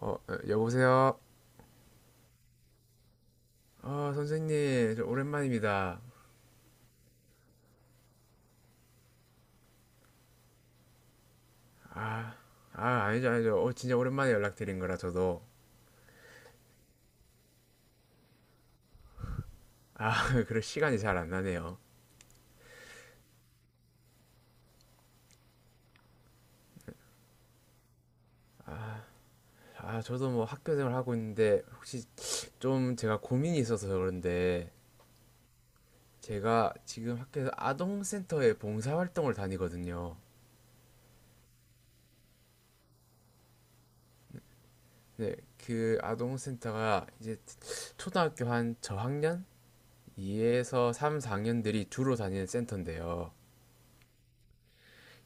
여보세요? 선생님, 저 오랜만입니다. 아, 아니죠, 아니죠. 진짜 오랜만에 연락드린 거라 저도. 아, 그럴 시간이 잘 안 나네요. 저도 뭐 학교 생활 하고 있는데, 혹시 좀 제가 고민이 있어서 그런데, 제가 지금 학교에서 아동센터에 봉사활동을 다니거든요. 네, 그 아동센터가 이제 초등학교 한 저학년? 2에서 3, 4학년들이 주로 다니는 센터인데요.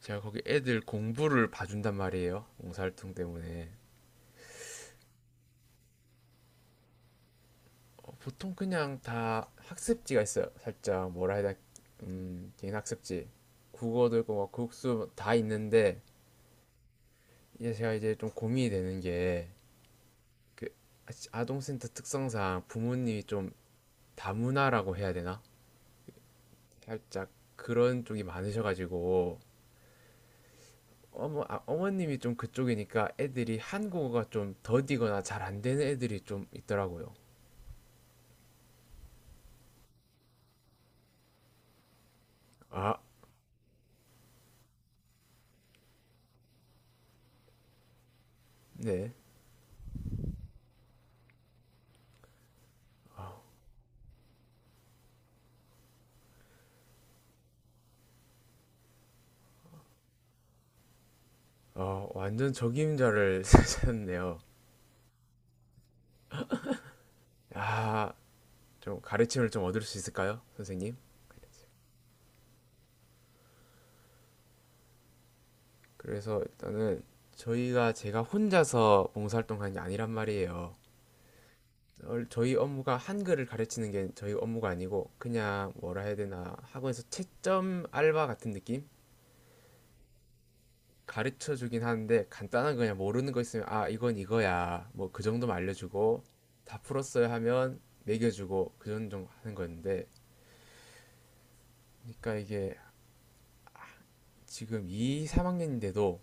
제가 거기 애들 공부를 봐준단 말이에요. 봉사활동 때문에. 보통 그냥 다 학습지가 있어요. 살짝 뭐라 해야 돼? 개인 학습지. 국어도 있고, 막 국수 다 있는데, 이제 제가 이제 좀 고민이 되는 게, 그, 아동센터 특성상 부모님이 좀 다문화라고 해야 되나? 살짝 그런 쪽이 많으셔가지고, 어머님이 좀 그쪽이니까 애들이 한국어가 좀 더디거나 잘 안 되는 애들이 좀 있더라고요. 아, 네. 완전 적임자를 쓰셨네요. 아, 좀 가르침을 좀 얻을 수 있을까요, 선생님? 그래서 일단은 저희가 제가 혼자서 봉사활동하는 게 아니란 말이에요. 저희 업무가 한글을 가르치는 게 저희 업무가 아니고 그냥 뭐라 해야 되나 학원에서 채점 알바 같은 느낌? 가르쳐 주긴 하는데 간단한 거 그냥 모르는 거 있으면 아 이건 이거야 뭐 그 정도만 알려주고 다 풀었어요 하면 매겨주고 그 정도 하는 거였는데 그러니까 이게 지금 2, 3학년인데도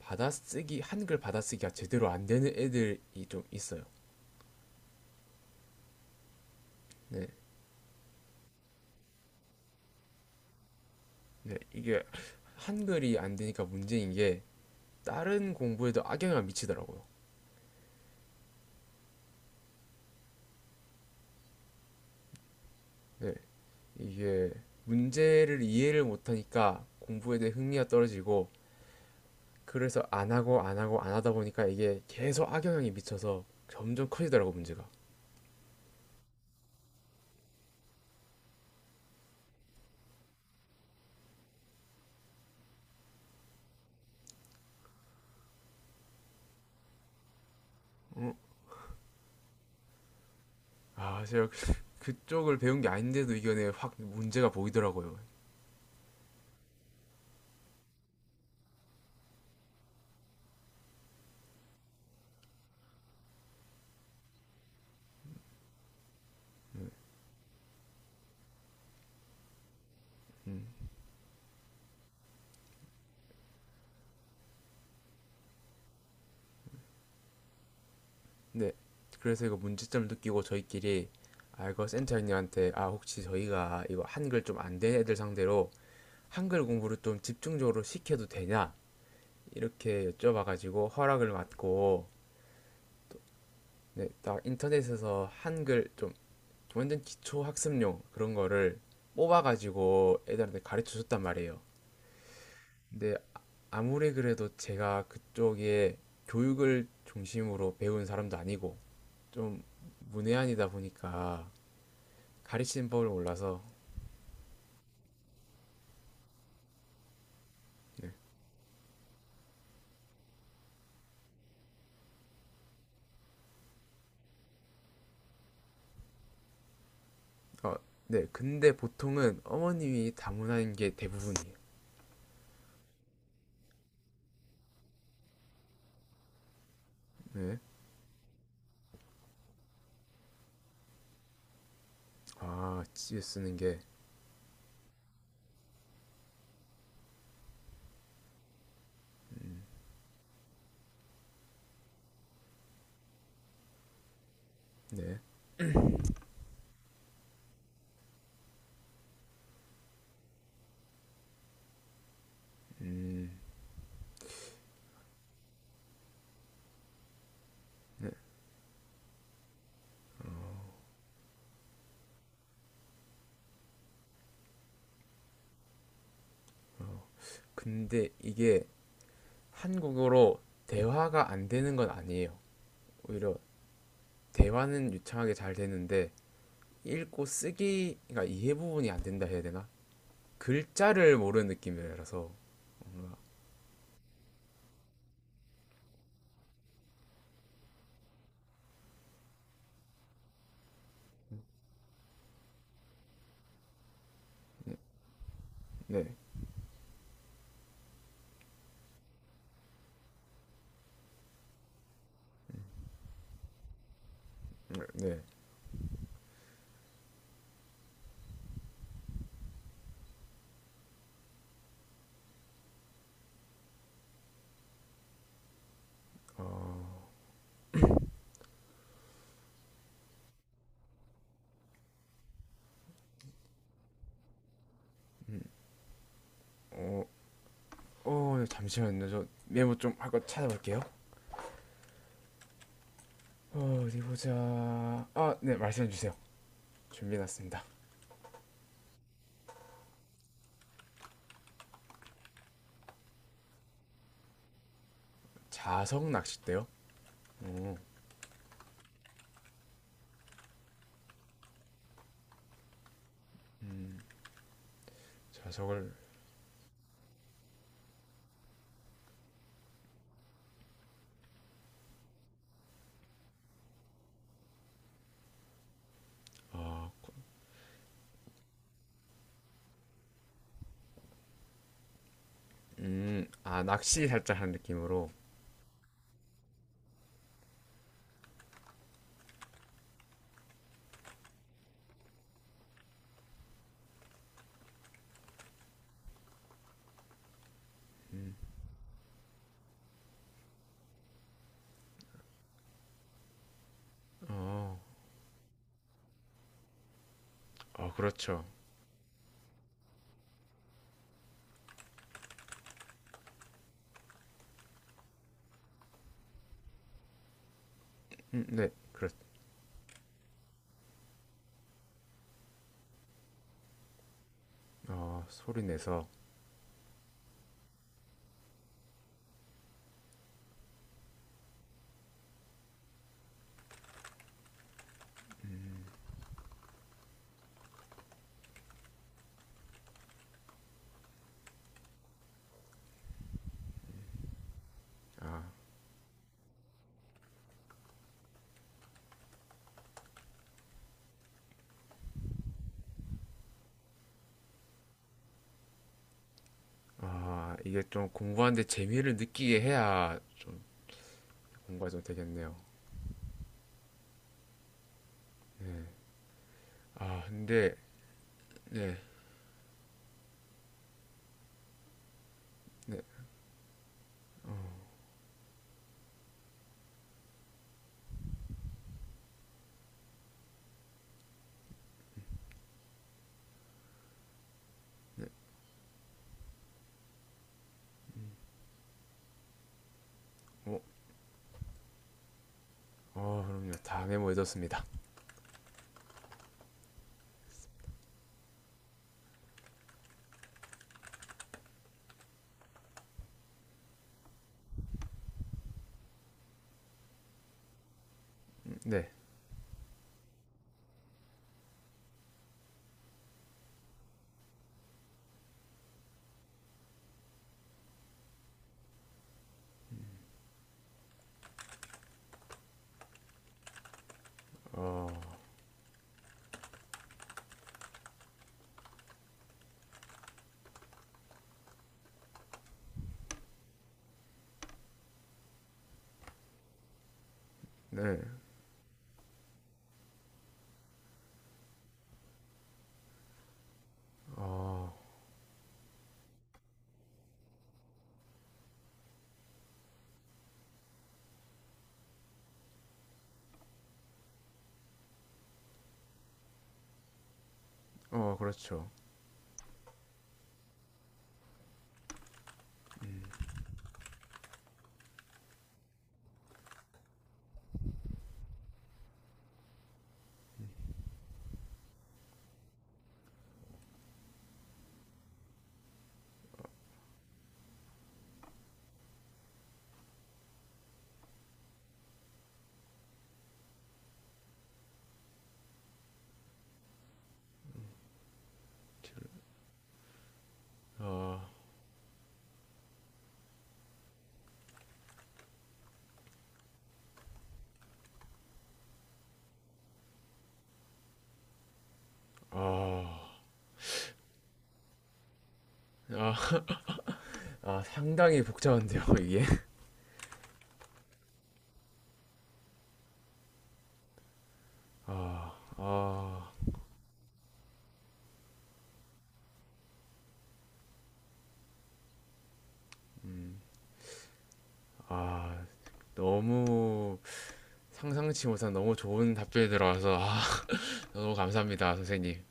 받아쓰기 한글 받아쓰기가 제대로 안 되는 애들이 좀 있어요. 네, 네 이게 한글이 안 되니까 문제인 게 다른 공부에도 악영향을 미치더라고요. 네, 이게 문제를 이해를 못하니까 공부에 대해 흥미가 떨어지고 그래서 안 하고 안 하고 안 하다 보니까 이게 계속 악영향이 미쳐서 점점 커지더라고 문제가. 제가 그쪽을 배운 게 아닌데도 이게 확 문제가 보이더라고요. 네. 그래서 이거 문제점 느끼고 저희끼리 이거 센터장님한테 혹시 저희가 이거 한글 좀 안 되는 애들 상대로 한글 공부를 좀 집중적으로 시켜도 되냐 이렇게 여쭤봐가지고 허락을 받고 네, 딱 인터넷에서 한글 좀 완전 기초 학습용 그런 거를 뽑아가지고 애들한테 가르쳐 줬단 말이에요. 근데 아무리 그래도 제가 그쪽에 교육을 중심으로 배운 사람도 아니고 좀 문외한이다 보니까 가리심법을 몰라서 네. 어, 네. 근데 보통은 어머님이 다문화인 게 대부분이에요. 네. 집에 쓰는 게 네. 음. 근데 이게 한국어로 대화가 안 되는 건 아니에요. 오히려 대화는 유창하게 잘 되는데 읽고 쓰기 그러니까 이해 부분이 안 된다 해야 되나? 글자를 모르는 느낌이라서 네. 네. 어, 어, 잠시만요. 저 메모 좀 하고 찾아볼게요. 어디 보자. 네, 말씀해 주세요. 준비해놨습니다. 자석 낚싯대요? 오, 자석을, 아, 낚시 살짝 하는 느낌으로. 어, 그렇죠. 네, 소리 내서. 아, 이게 좀 공부하는데 재미를 느끼게 해야 좀 공부가 좀 되겠네요. 근데, 네, 네, 뭐, 그럼요. 다 메모해뒀습니다. 네, 네, 어, 그렇죠. 어, 어. 상당히 복잡한데요, 이게. 아, 아, 아, 너무 상상치 못한 너무 좋은 답변이 들어와서 너무 감사합니다, 선생님.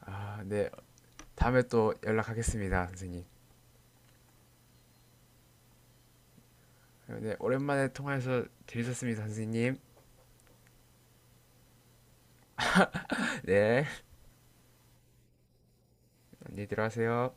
네, 다음에 또 연락하겠습니다, 선생님. 네, 오랜만에 통화해서 재밌었습니다, 선생님. 네, 안녕히 들어가세요.